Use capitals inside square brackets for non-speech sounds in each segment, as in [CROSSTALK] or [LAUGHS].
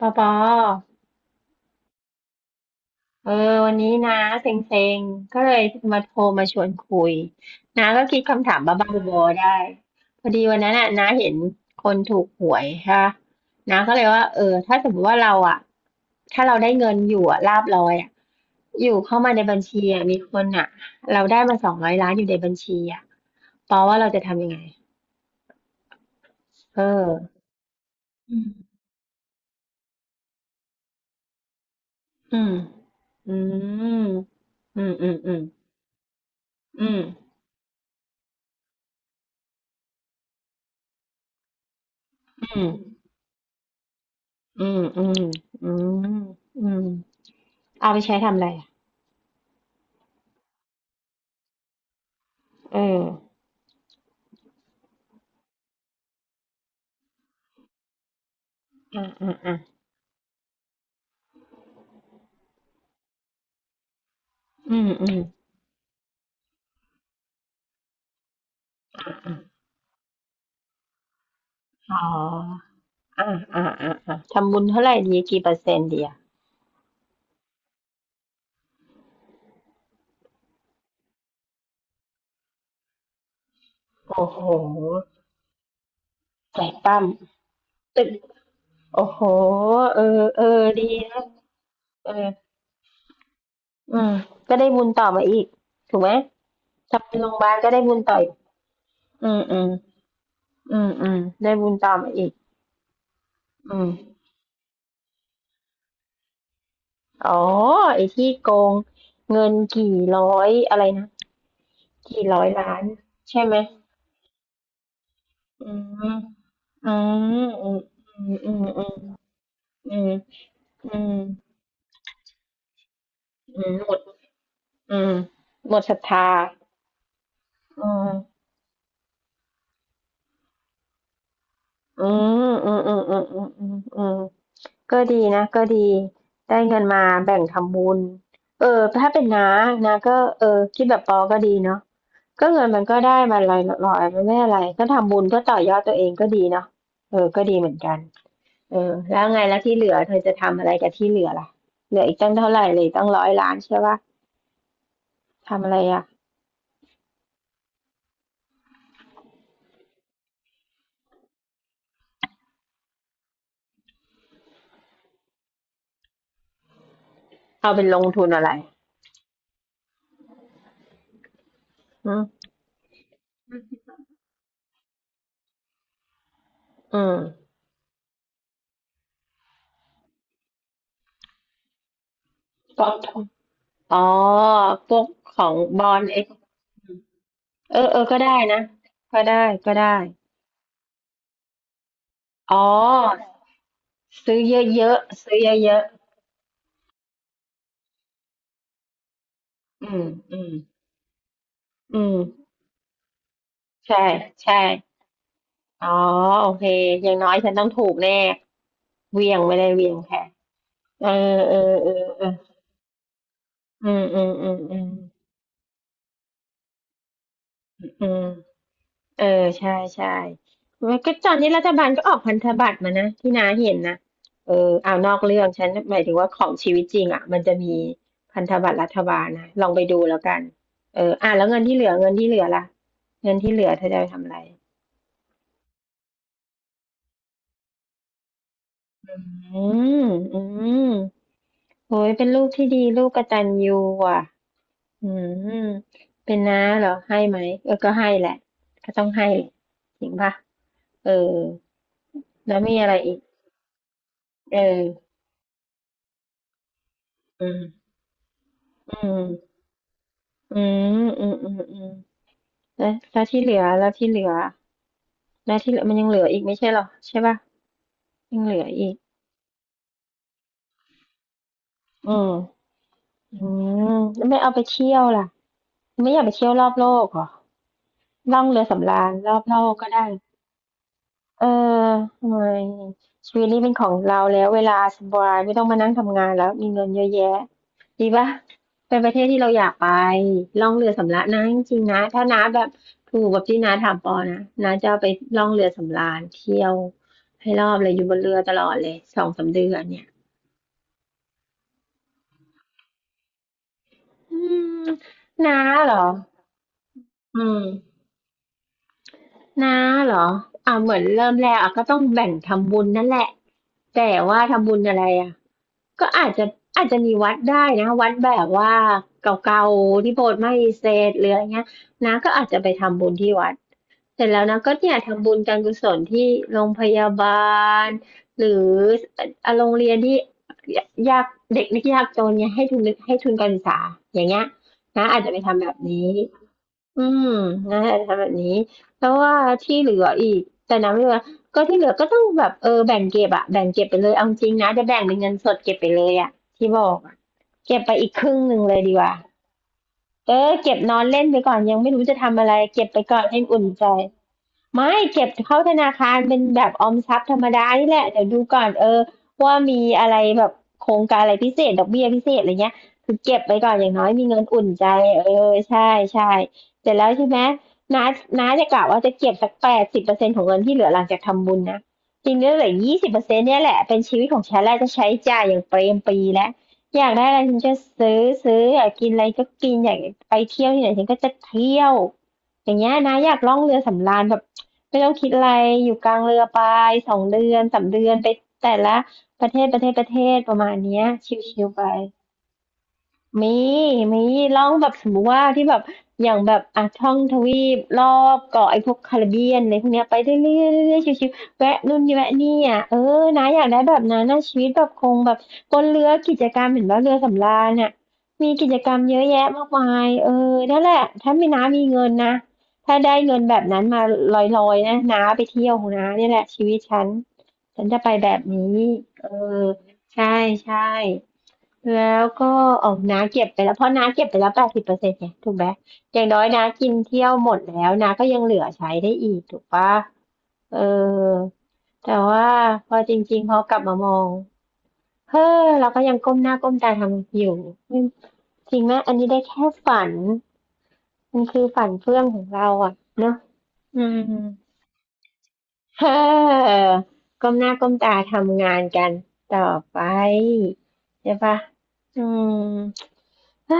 ปอปอเออวันนี้นะเซ็งๆก็เลยมาโทรมาชวนคุยนาก็คิดคำถามบ้าๆบอๆได้พอดีวันนั้นน่ะนาเห็นคนถูกหวยค่ะนาก็เลยว่าเออถ้าสมมติว่าเราอ่ะถ้าเราได้เงินอยู่อ่ะลาภลอยอ่ะอยู่เข้ามาในบัญชีอะมีคนอ่ะเราได้มา200 ล้านอยู่ในบัญชีอ่ะปอว่าเราจะทำยังไงเอออืมอืมอืมอืมอืมอืมอืม อืมอืมอืมอืมเอาไปใช้ทำอะไรอ่ะเอออ่าอ่าอ่าอืมอืมอ๋ออ่าอ่าอ่าอ่าทำบุญเท่าไหร่ดีกี่เปอร์เซ็นต์ดีอ่ะโอ้โหใจปั้มตึกโอ้โหเออเออดีนะเอออืมก็ได้บุญต่อมาอีกถูกไหมทำเป็นโรงพยาบาลก็ได้บุญต่ออีกอืมอืมอืมอืมได้บุญต่อมาอีกอืมอ๋อไอ้ที่โกงเงินกี่ร้อยอะไรนะ กี่ร้อยล้านใช่ไหมอืมอืมอืมอืมอืมอืมอืมอืมหมดอืมหมดศรัทธาอืมอืมอืมอืมอืมอืมอืมอืมก็ดีนะก็ดีได้เงินมาแบ่งทำบุญเออถ้าเป็นน้านะก็เออคิดแบบปอก็ดีเนาะก็เงินมันก็ได้มาลอยๆมันไม่อะไรก็ทำบุญเพื่อต่อยอดตัวเองก็ดีเนาะเออก็ดีเหมือนกัน เออแล้วไงแล้วที่เหลือเธอจะทำอะไรกับที่เหลือล่ะเหลืออีกตั้งเท่าไหร่เลยตั้งร้อยล้านใช่ปะทำอะไรอ่ะเอาเป็นลงทุนอะไรอืมอืมกองทุนอ๋อพวกของบอลเอเออเออก็ได้นะก็ได้ก็ได้อ๋อซื้อเยอะๆซื้อเยอะๆอืมอืมอืมใช่ใช่อ๋อโอเคอย่างน้อยฉันต้องถูกแน่เหวี่ยงไม่ได้เหวียงแค่เออเออเออเอออืมอืมอืมอืมอืม เออใช่ใช่มันก็ตอนนี้รัฐบาลก็ออกพันธบัตรมานะที่น้าเห็นนะเออเอานอกเรื่องฉันหมายถึงว่าของชีวิตจริงอ่ะมันจะมีพันธบัตรรัฐบาลนะลองไปดูแล้วกัน เอออ่ะแล้วเงินที่เหลือเงินที่เหลือล่ะเงินที่เหลือเธอจะไปทำอะไรอืมอืมโอ้ยเป็นลูกที่ดีลูกกตัญญูอ่ะอืมเป็นน้าเหรอให้ไหมเออก็ให้แหละก็ต้องให้แหละจริงป่ะเออแล้วมีอะไรอีกเอออืมอืม อืมอืมอืมอืมแล้วแล้วที่เหลือมันยังเหลืออีกไม่ใช่เหรอใช่ป่ะยังเหลืออีกอืมอืมแล้วไม่เอาไปเที่ยวล่ะไม่อยากไปเที่ยวรอบโลกเหรอล่องเรือสำราญรอบโลกก็ได้ เออทำไมชีวิตนี้เป็นของเราแล้วเวลาสบายไม่ต้องมานั่งทำงานแล้วมีเงินเยอะแยะดีปะเป็นประเทศที่เราอยากไปล่องเรือสำราญนะจริงๆนะถ้าน้าแบบถูกแบบที่น้าถามปอนะน้าจะเอาไปล่องเรือสำราญเที่ยวให้รอบเลยอยู่บนเรือตลอดเลยสองสามเดือนเนี่ยอืมน้าเหรออืมน้าเหรออ่าเหมือนเริ่มแรกอ่ะก็ต้องแบ่งทำบุญนั่นแหละแต่ว่าทำบุญอะไรอ่ะ ก็อาจจะมีวัดได้นะวัดแบบว่าเก่าๆที่โบสถ์ไม่เสร็จหรืออะไรเงี้ยนะก็อาจจะไปทำบุญที่วัดเสร็จแล้วนะก็เนี่ยทำบุญการกุศลที่โรงพยาบาลหรืออ่ะโรงเรียนที่ยากเด็กนักยากจนเนี่ยให้ทุนให้ทุนการศึกษาอย่างเงี้ยนะอาจจะไปทำแบบนี้ อืมนะคะทำแบบนี้เพราะว่าที่เหลืออีกแต่นะไม่ว่าก็ที่เหลือก็ต้องแบบเออแบ่งเก็บอะแบ่งเก็บไปเลยเอาจริงนะจะแบ่งเป็นเงินสดเก็บไปเลยอะที่บอกอะเก็บไปอีกครึ่งหนึ่งเลยดีกว่าเออเก็บนอนเล่นไปก่อนยังไม่รู้จะทำอะไรเก็บไปก่อนให้อุ่นใจ ไม่เก็บเข้าธนาคารเป็นแบบออมทรัพย์ธรรมดานี่แหละเดี๋ยวดูก่อนเออว่ามีอะไรแบบโครงการอะไรพิเศษดอกเบี้ยพิเศษอะไรเงี้ยคือเก็บไว้ก่อนอย่างน้อยมีเงินอุ่นใจเออใช่ใช่เสร็จแล้วใช่ไหมน้าน้าจะกะว่าจะเก็บสัก80%ของเงินที่เหลือหลังจากทำบุญนะจริงๆเหลือ20%เนี่ยแหละเป็นชีวิตของฉันแล้วจะใช้จ่ายอย่างเปรมปรีแล้วอยากได้อะไรฉันจะซื้อซื้ออยากกินอะไรก็กินอยากไปเที่ยวที่ไหนฉันก็จะเที่ยวอย่างเงี้ยนะอยากล่องเรือสำราญแบบ ไม่ต้องคิดอะไร อยู่กลางเรือไปสองเดือนสามเดือนไปแต่ละประเทศประเทศประเทศประมาณเนี้ยชิวๆไป มีมีล่องแบบสมมุติว่าที่แบบอย่างแบบอ่ะท่องทวีปรอบเกาะไอ้พวกคาริบเบียนอะไรพวกเนี้ยไปเรื่อยๆเรื่อยๆชิวๆแวะนู่นแวะนี่อ่ะเออนะอยากได้แบบนั้นนะชีวิตแบบคงแบบบนเรือกิจกรรมเหมือนว่าเรือสำราญอ่ะมีกิจกรรมเยอะแยะมากมายเออนั่นแหละถ้ามีน้ามีเงินนะถ้าได้เงินแบบนั้นมาลอยๆนะน้าไปเที่ยวของน้าเนี่ยแหละชีวิตฉันฉันจะไปแบบนี้เออใช่ใช่ แล้วก็ออกน้าเก็บไปแล้วเพราะน้าเก็บไปแล้ว80%ไงถูกไหมอย่างน้อยน้ากินเที่ยวหมดแล้วน้าก็ยังเหลือใช้ได้อีกถูกปะเออแต่ว่าพอจริงๆพอกลับมามองเฮ้อเราก็ยังก้มหน้าก้มตาทำอยู่จริงไหมอันนี้ได้แค่ฝันมันคือฝันเฟื่องของเราอ่ะเนอะอืมเฮ้อก้มหน้าก้มตาทำงานกันต่อไปใช่ปะอืม อ่า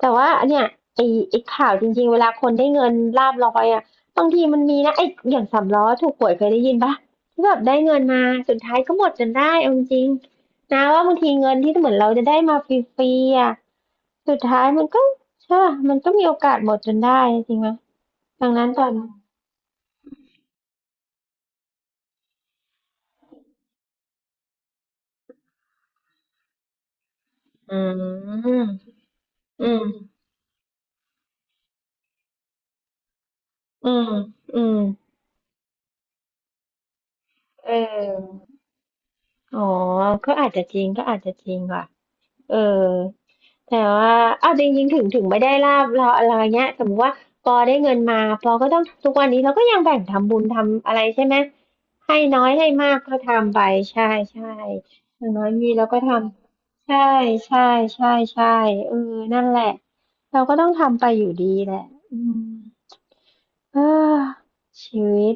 แต่ว่าเนี่ยไอ้ไอ้ข่าวจริงๆเวลาคนได้เงินลาภลอยอ่ะบางทีมันมีนะไอ้อย่างสามล้อถูกหวยเคยได้ยินปะที่แบบได้เงินมาสุดท้ายก็หมดจนได้เอาจริงๆนะว่าบางทีเงินที่เหมือนเราจะได้มาฟรีๆอ่ะสุดท้ายมันก็ใช่ปะมันก็มีโอกาสหมดจนได้จริงไหมดังนั้นตอนอืมอืมอืมอืมเอออ๋อก็อาจจะจริงก็อาจจะจริงว่ะ เออแต่ว่าเอาจริงๆถึงไม่ได้ลาบเราอะไรเงี้ยสมมติว่าปอได้เงินมาปอก็ต้องทุกวันนี้เราก็ยังแบ่งทำบุญทำอะไรใช่ไหมให้น้อยให้มากก็ทำไปใช่ใช่อย่างน้อยมีเราก็ทำใช่ใช่ใช่ใช่เออนั่นแหละเราก็ต้องทำไปอยู่ดีแหละอืม เออชีวิต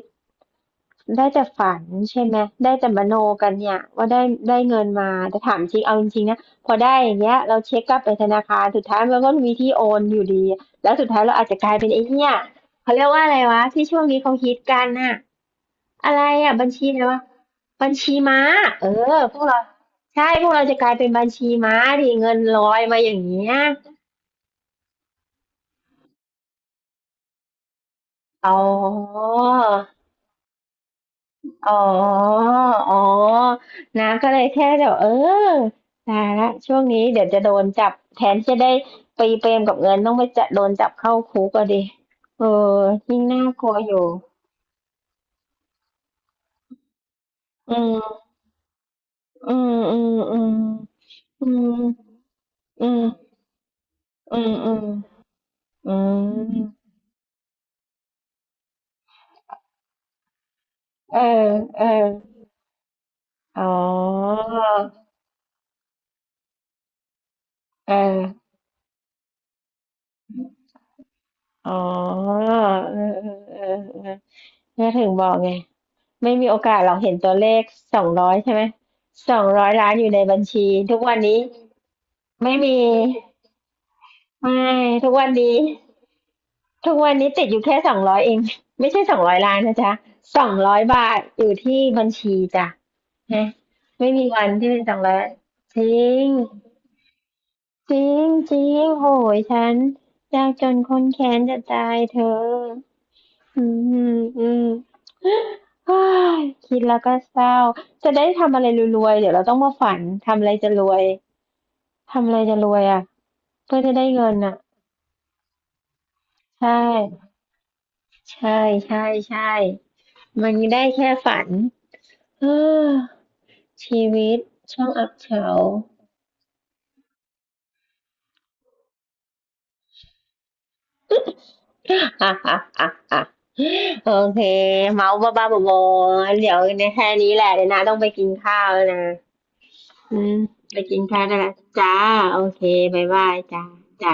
ได้แต่ฝันใช่ไหมได้แต่มโนกันเนี่ยว่าได้ได้เงินมาแต่ถามจริงเอาจริงๆนะพอได้อย่างเงี้ยเราเช็คกลับไปธนาคารสุดท้ายมันก็มีที่โอนอยู่ดีแล้วสุดท้ายเราอาจจะกลายเป็นไอ้เนี่ยเขาเรียกว่าอะไรวะที่ช่วงนี้เขาฮิตกันน่ะอะไรอ่ะบัญชีอะไรวะบัญชีม้าเออพวกเราใช่พวกเราจะกลายเป็นบัญชีม้าดิเงินลอยมาอย่างเงี้ยอ๋อ อ๋ออ๋อน้ำก็เลยแค่เดี๋บวเออตายละช่วงนี้เดี๋ยวจะโดนจับแทนที่จะได้ไปเปรมกับเงินต้องไปจะโดนจับเข้าคุกก็ดิเออยิ่งน่ากลัวอยู่อืมอืมอืมอืมอืมอืมอืมอืมอืมเออเอออ๋อเอออ๋อเออเออเออเออถึงบอกไง ไม่มีโอกาสหรอกเห็นตัวเลขสองร้อยใช่ไหมสองร้อยล้านอยู่ในบัญชีทุกวันนี้ไม่มีไม่ทุกวันนี้ทุกวันนี้ติดอยู่แค่สองร้อยเองไม่ใช่สองร้อยล้านนะจ๊ะ200 บาทอยู่ที่บัญชีจ้ะฮะไม่มีวันที่เป็นสองร้อยจริงจริงจริงโหยฉันยากจนคนแค้นจะตายเธออืมอืม อ้ายคิดแล้วก็เศร้าจะได้ทำอะไรรวยๆเดี๋ยวเราต้องมาฝันทำอะไรจะรวยทำอะไรจะรวยอ่ะเพื่อจะได้เงินอ่ะใช่ใช่ใช่ใช่มันได้แค่ฝันเออชีวิตช่างอับเฉา [LAUGHS] อ่ะอ่ะอ่ะอ่ะโอเคเมาบ้าบ้าๆบอๆเดี๋ยวในแค่นี้แหละเดี๋ยวนะต้องไปกินข้าวแล้วนะอืมไปกินข้าวได้แล้วจ้าโอเคบายบายจ้าจ้า